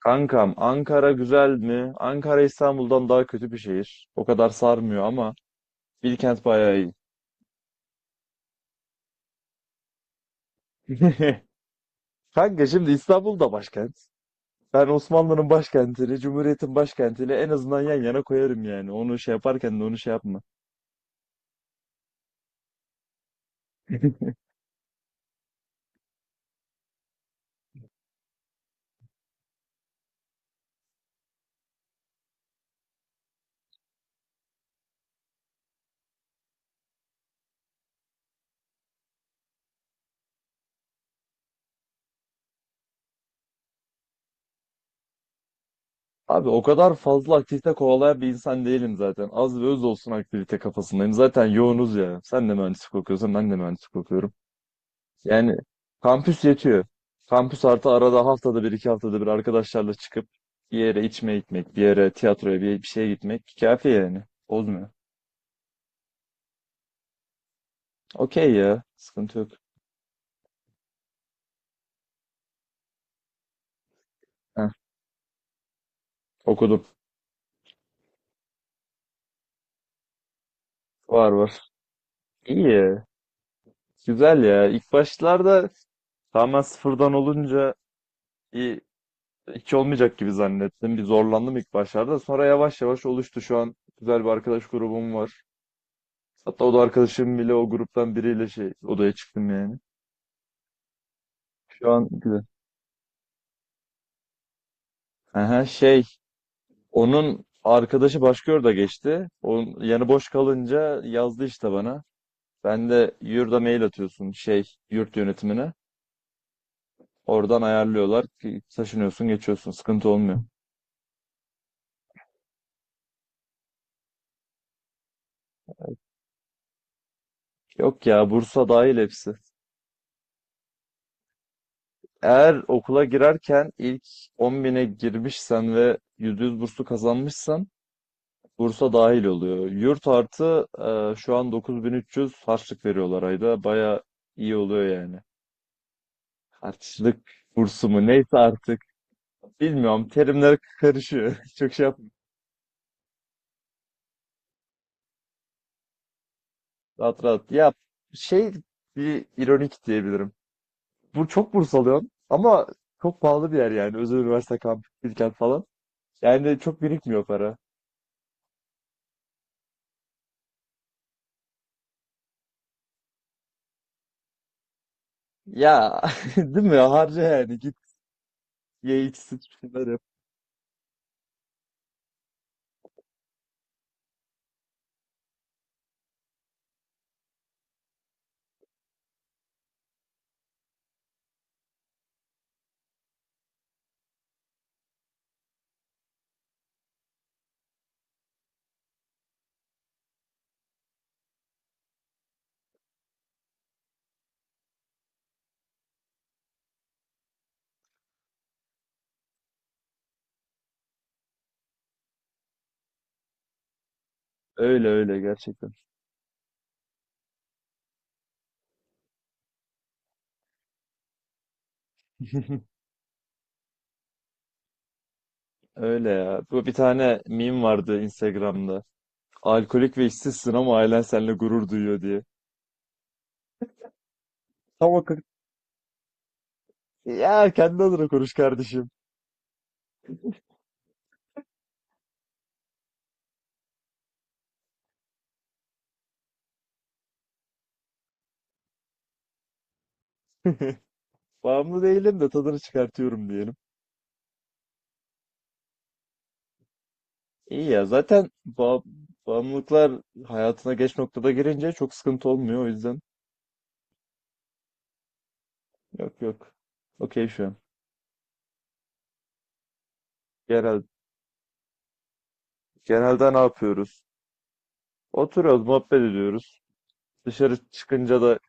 Kankam Ankara güzel mi? Ankara İstanbul'dan daha kötü bir şehir. O kadar sarmıyor ama Bilkent bayağı iyi. Kanka şimdi İstanbul da başkent. Ben Osmanlı'nın başkentini, Cumhuriyet'in başkentini en azından yan yana koyarım yani. Onu şey yaparken de onu şey yapma. Abi o kadar fazla aktivite kovalayan bir insan değilim zaten. Az ve öz olsun aktivite kafasındayım. Zaten yoğunuz ya. Sen de mühendislik okuyorsun, ben de mühendislik okuyorum. Yani kampüs yetiyor. Kampüs artı arada haftada bir iki haftada bir arkadaşlarla çıkıp bir yere içmeye gitmek, bir yere tiyatroya bir şeye gitmek kafi yani. Bozmuyor. Okey ya. Sıkıntı yok. Heh, okudum. Var var. İyi ya. Güzel ya. İlk başlarda tamamen sıfırdan olunca iyi, hiç olmayacak gibi zannettim. Bir zorlandım ilk başlarda. Sonra yavaş yavaş oluştu. Şu an güzel bir arkadaş grubum var. Hatta o da arkadaşım bile o gruptan biriyle şey odaya çıktım yani. Şu an güzel. Aha, şey onun arkadaşı başka yurda geçti. Onun yanı boş kalınca yazdı işte bana. Ben de yurda mail atıyorsun şey yurt yönetimine. Oradan ayarlıyorlar ki taşınıyorsun geçiyorsun sıkıntı olmuyor. Yok ya Bursa dahil hepsi. Eğer okula girerken ilk 10 bine girmişsen ve %100 burslu kazanmışsan Bursa dahil oluyor. Yurt artı şu an 9300 harçlık veriyorlar ayda. Baya iyi oluyor yani. Harçlık bursu mu neyse artık. Bilmiyorum terimler karışıyor. Çok şey yapmıyorum. Rahat rahat. Ya şey bir ironik diyebilirim. Bu çok burs alıyorum ama çok pahalı bir yer yani. Özel üniversite kampüs, Bilkent falan. Yani çok birikmiyor para. Ya değil mi? Harca yani. Git ye iç sıç bir şeyler yap. Öyle öyle gerçekten. Öyle ya. Bu bir tane meme vardı Instagram'da. Alkolik ve işsizsin ama ailen seninle gurur duyuyor diye. Tam o kız, ya kendi adına konuş kardeşim. Bağımlı değilim de tadını çıkartıyorum diye. İyi ya zaten ba- bağımlılıklar hayatına geç noktada girince çok sıkıntı olmuyor o yüzden yok yok. Okey şu an. Genel, genelde ne yapıyoruz? Oturuyoruz, muhabbet ediyoruz. Dışarı çıkınca da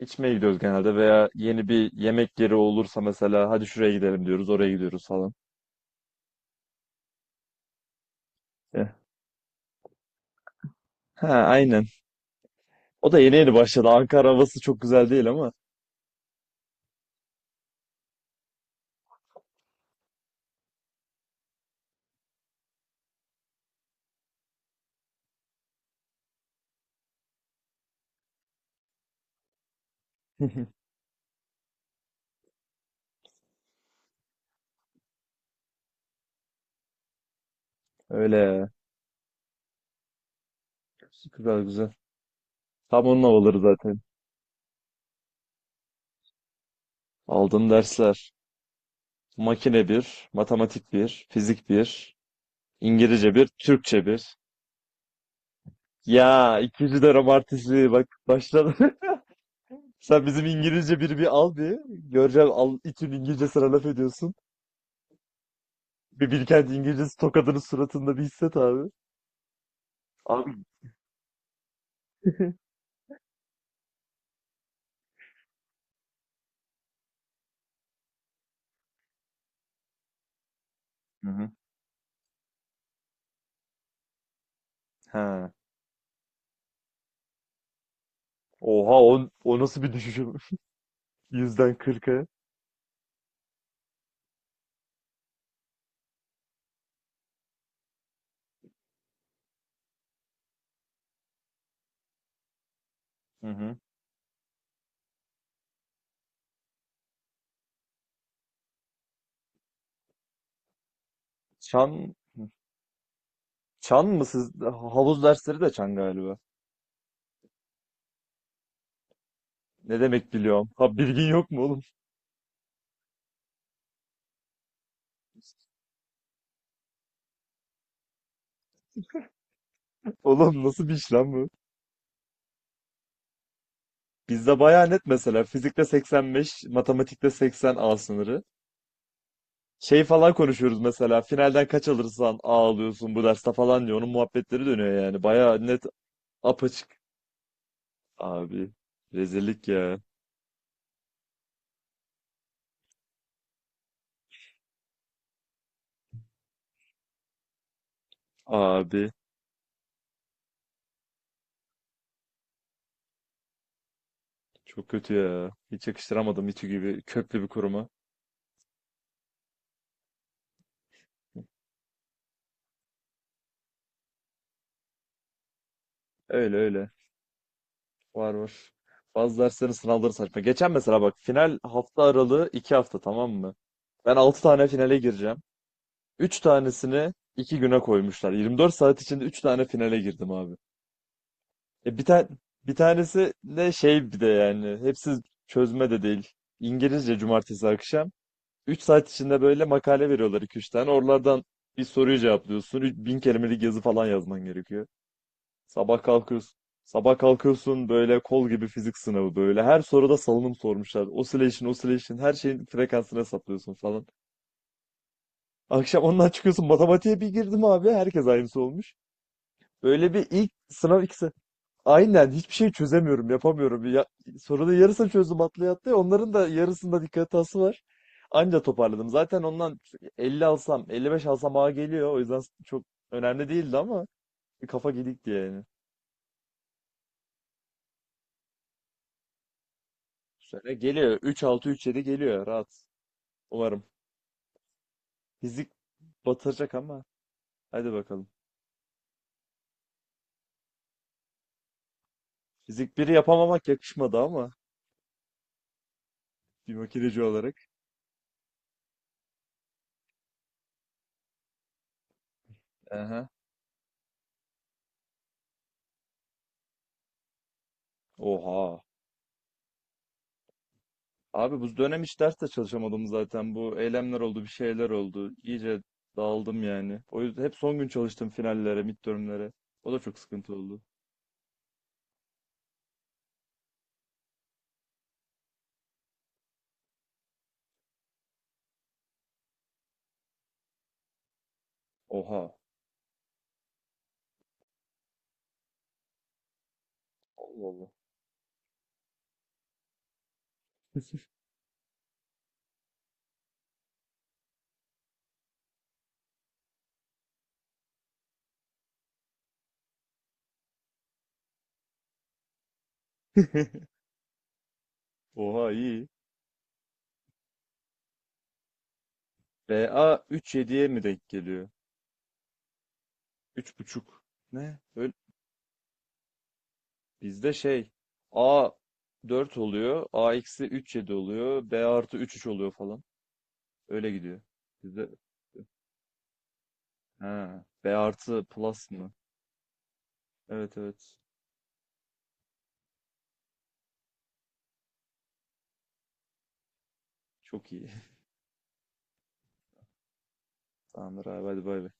içmeye gidiyoruz genelde veya yeni bir yemek yeri olursa mesela hadi şuraya gidelim diyoruz, oraya gidiyoruz falan. Eh, Ha aynen. O da yeni yeni başladı. Ankara havası çok güzel değil ama. Öyle ya. Güzel güzel. Tam onun havaları zaten. Aldığım dersler. Makine bir, matematik bir, fizik bir, İngilizce bir, Türkçe bir. Ya ikinci de artistliği bak başladı. Sen bizim İngilizce 1'i bir al bir. Göreceğim al, İTÜ'nün İngilizce sana laf ediyorsun. Bir Bilkent İngilizcesi tokadının suratında bir hisset abi. Abi. Hı hı. Ha. Oha o, o nasıl bir düşüşüm? Yüzden 40'a. Hı hı. Çan, çan mı siz? Havuz dersleri de çan galiba. Ne demek biliyorum? Ha bilgin yok mu oğlum? Oğlum nasıl bir iş lan bu? Bizde bayağı net mesela fizikte 85, matematikte 80 A sınırı. Şey falan konuşuyoruz mesela finalden kaç alırsan A alıyorsun bu derste falan diyor. Onun muhabbetleri dönüyor yani. Bayağı net apaçık. Abi rezillik ya. Abi çok kötü ya. Hiç yakıştıramadım İTÜ gibi köklü bir kuruma. Öyle öyle. Var var. Bazı derslerin sınavları saçma. Geçen mesela bak final hafta aralığı 2 hafta tamam mı? Ben 6 tane finale gireceğim. Üç tanesini iki güne koymuşlar. 24 saat içinde üç tane finale girdim abi. E bir tane bir tanesi de şey bir de yani hepsi çözme de değil. İngilizce cumartesi akşam. Üç saat içinde böyle makale veriyorlar 2-3 tane. Oralardan bir soruyu cevaplıyorsun. Bin kelimelik yazı falan yazman gerekiyor. Sabah kalkıyorsun. Sabah kalkıyorsun böyle kol gibi fizik sınavı böyle. Her soruda salınım sormuşlar. Oscillation, oscillation her şeyin frekansını hesaplıyorsun falan. Akşam ondan çıkıyorsun matematiğe bir girdim abi. Herkes aynısı olmuş. Böyle bir ilk sınav ikisi. Aynen hiçbir şey çözemiyorum, yapamıyorum. Ya, sorunun yarısını çözdüm atlaya atlaya. Onların da yarısında dikkat hatası var. Anca toparladım. Zaten ondan 50 alsam, 55 alsam A geliyor. O yüzden çok önemli değildi ama bir kafa gidikti yani. Bu geliyor. Üç altı, üç yedi geliyor. Rahat. Umarım. Fizik batacak ama. Hadi bakalım. Fizik biri yapamamak yakışmadı ama. Bir makineci olarak. Aha. Oha. Abi bu dönem hiç ders de çalışamadım zaten. Bu eylemler oldu, bir şeyler oldu. İyice dağıldım yani. O yüzden hep son gün çalıştım finallere, midtermlere. O da çok sıkıntı oldu. Oha. Allah Allah. Oha iyi. B a BA yediye mi denk geliyor? Üç buçuk. Ne? Öyle. Bizde şey A 4 oluyor. A eksi üç virgül yedi oluyor. B artı üç üç oluyor falan. Öyle gidiyor. Bizde ha, B artı plus mı? Evet evet. Çok iyi. Tamamdır abi hadi bay bay.